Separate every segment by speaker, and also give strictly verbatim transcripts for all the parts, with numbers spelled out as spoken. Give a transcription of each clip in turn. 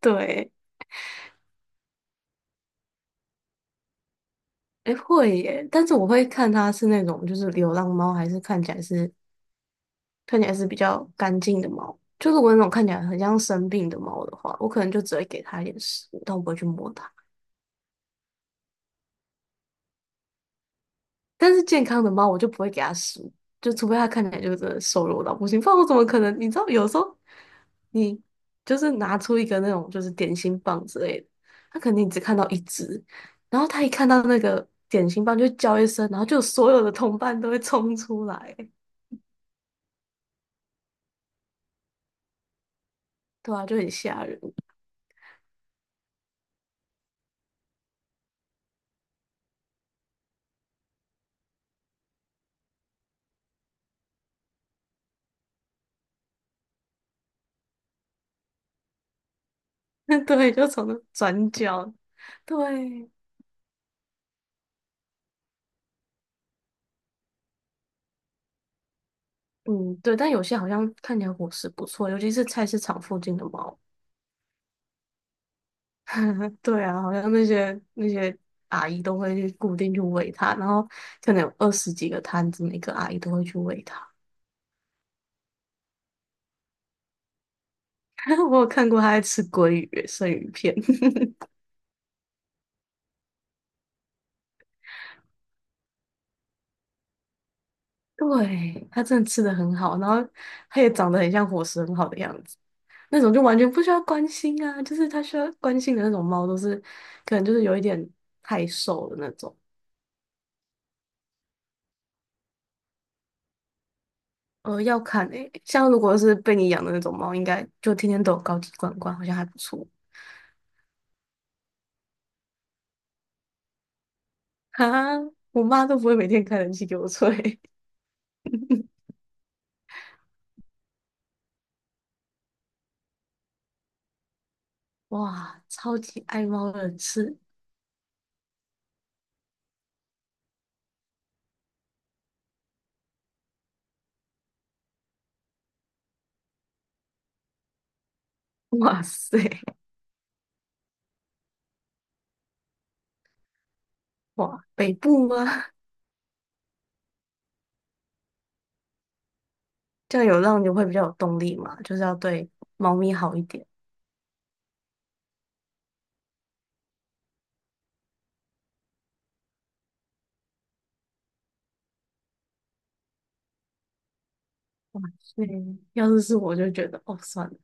Speaker 1: 对，诶，会耶，但是我会看它是那种就是流浪猫，还是看起来是看起来是比较干净的猫。就如果那种看起来很像生病的猫的话，我可能就只会给它一点食物，但我不会去摸它。但是健康的猫，我就不会给它食物，就除非它看起来就是真的瘦弱到不行，不然我怎么可能？你知道，有时候你就是拿出一个那种就是点心棒之类的，它肯定只看到一只，然后它一看到那个点心棒就叫一声，然后就所有的同伴都会冲出来。对啊，就很吓人。对，就从那转角，对，嗯，对，但有些好像看起来伙食不错，尤其是菜市场附近的猫。对啊，好像那些那些阿姨都会去固定去喂它，然后可能有二十几个摊子，每个阿姨都会去喂它。我有看过它在吃鲑鱼、生鱼片。对，它真的吃的很好，然后它也长得很像伙食很好的样子，那种就完全不需要关心啊，就是它需要关心的那种猫都是，可能就是有一点太瘦的那种。呃，要看诶、像如果是被你养的那种猫，应该就天天都有高级罐罐，好像还不错。哈，我妈都不会每天开冷气给我吹。哇，超级爱猫的人士，哇塞，哇，北部吗？这样有让你会比较有动力嘛，就是要对猫咪好一点。对，要是是我就觉得，哦，算了，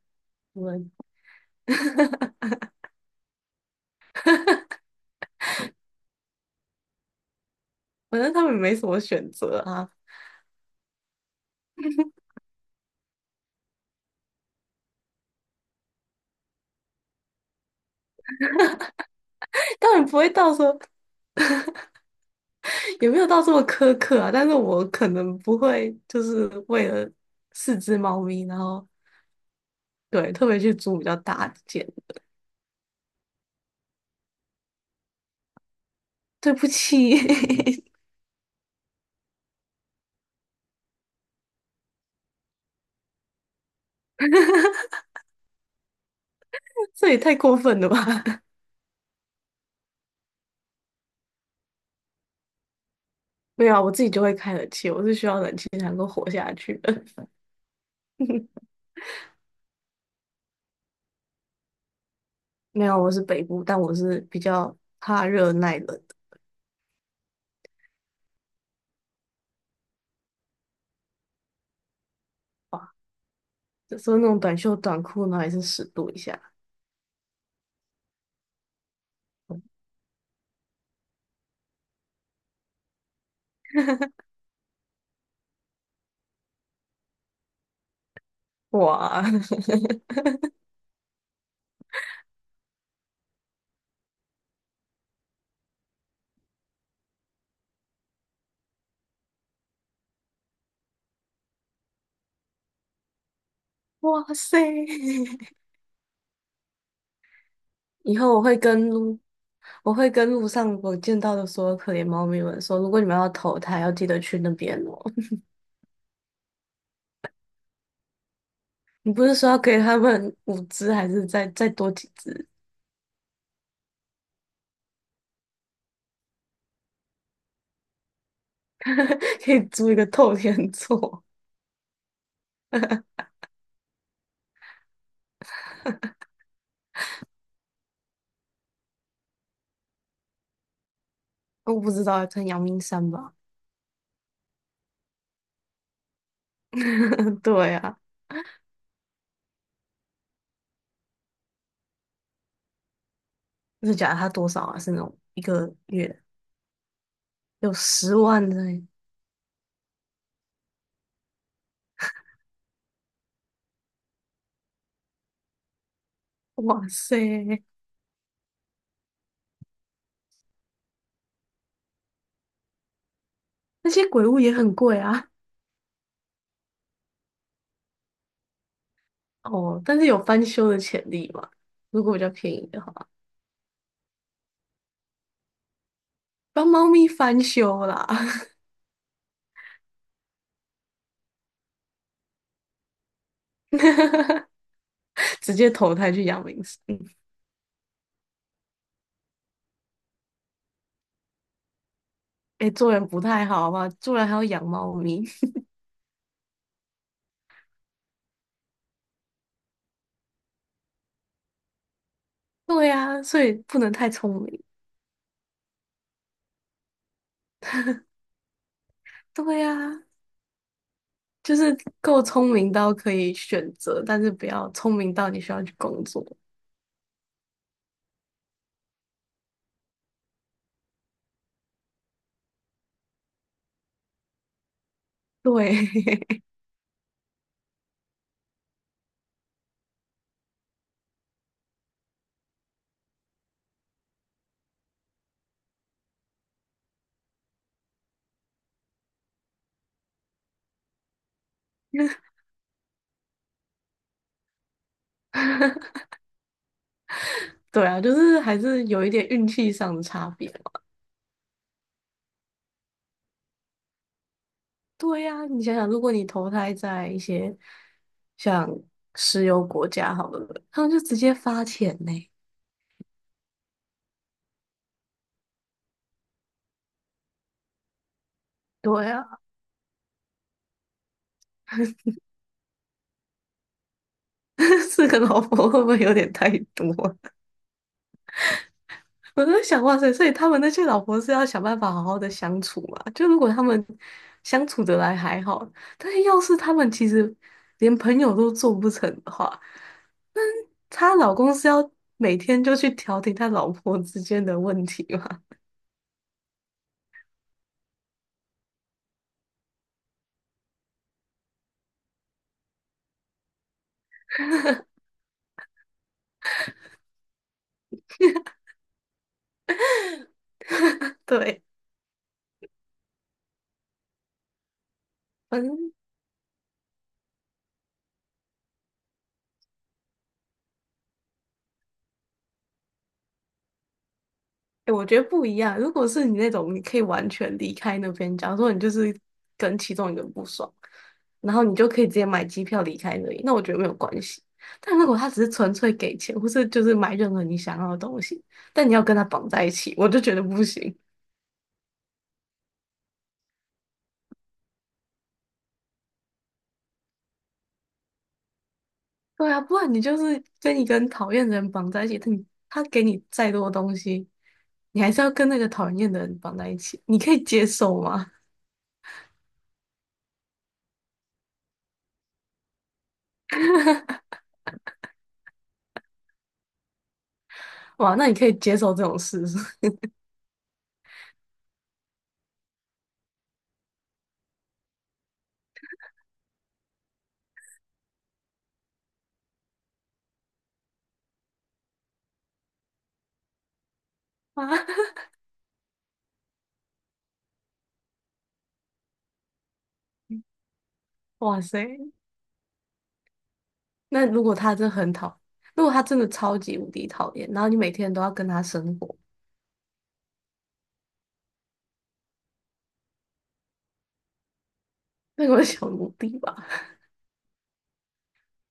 Speaker 1: 我们 反正他们没什么选择啊，当然不会到说也没有到这么苛刻啊，但是我可能不会就是为了四只猫咪，然后对特别去租比较大的间，对不起，这也太过分了吧？没有啊，我自己就会开冷气，我是需要冷气才能够活下去的。没有啊，我是北部，但我是比较怕热耐冷的吧，有时候那种短袖短裤呢，也是十度以下。哇 哇塞！以后我会跟路，我会跟路上我见到的所有可怜猫咪们说，如果你们要投胎，要记得去那边哦。你不是说要给他们五只，还是再再多几只，可以租一个透天厝？我不知道，可能阳明山吧。对啊，是假它多少啊？是那种一个月有十万的耶哇塞！那些鬼屋也很贵啊。哦，但是有翻修的潜力嘛？如果比较便宜的话，帮猫咪翻修啦，直接投胎去养明嗯，哎、做人不太好吧？做人还要养猫咪。对呀、所以不能太聪明。对呀、就是够聪明到可以选择，但是不要聪明到你需要去工作。对，对啊，就是还是有一点运气上的差别。对呀，你想想，如果你投胎在一些像石油国家好了，他们就直接发钱呢。对啊，四个老婆会不会有点太多啊 我在想，哇塞，所以他们那些老婆是要想办法好好的相处嘛？就如果他们相处得来还好，但是要是他们其实连朋友都做不成的话，她老公是要每天就去调停他老婆之间的问题嘛？对。嗯。哎，我觉得不一样。如果是你那种，你可以完全离开那边，假如说你就是跟其中一个人不爽，然后你就可以直接买机票离开那里，那我觉得没有关系。但如果他只是纯粹给钱，或是就是买任何你想要的东西，但你要跟他绑在一起，我就觉得不行。对啊，不然你就是跟一个很讨厌的人绑在一起，他你他给你再多东西，你还是要跟那个讨人厌的人绑在一起，你可以接受吗？哇，那你可以接受这种事是吗？哇塞！那如果他真的很讨，如果他真的超级无敌讨厌，然后你每天都要跟他生活，那个会小奴婢吧？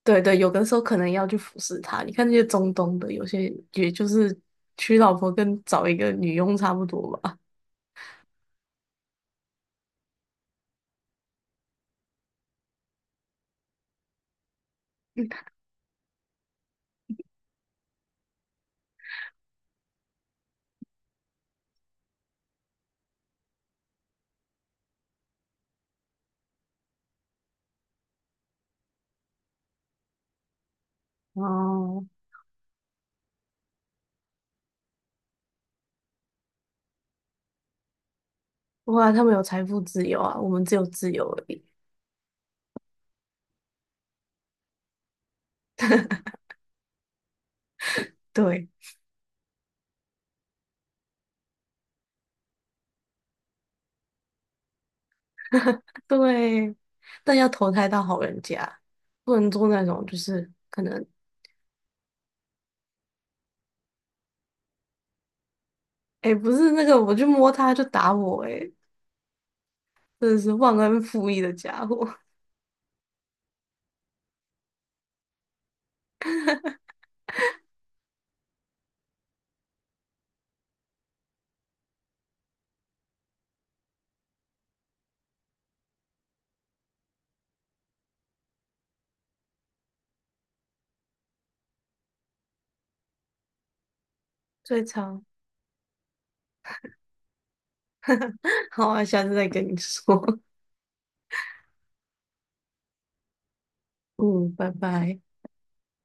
Speaker 1: 对对，有的时候可能要去服侍他。你看那些中东的，有些也就是娶老婆跟找一个女佣差不多吧。哦，哇，他们有财富自由啊，我们只有自由而已。对对，但要投胎到好人家，不能做那种就是可能，哎，不是那个我去摸他就打我、欸哎，真的是忘恩负义的家伙，最常。好啊，下次再跟你说。嗯，拜拜。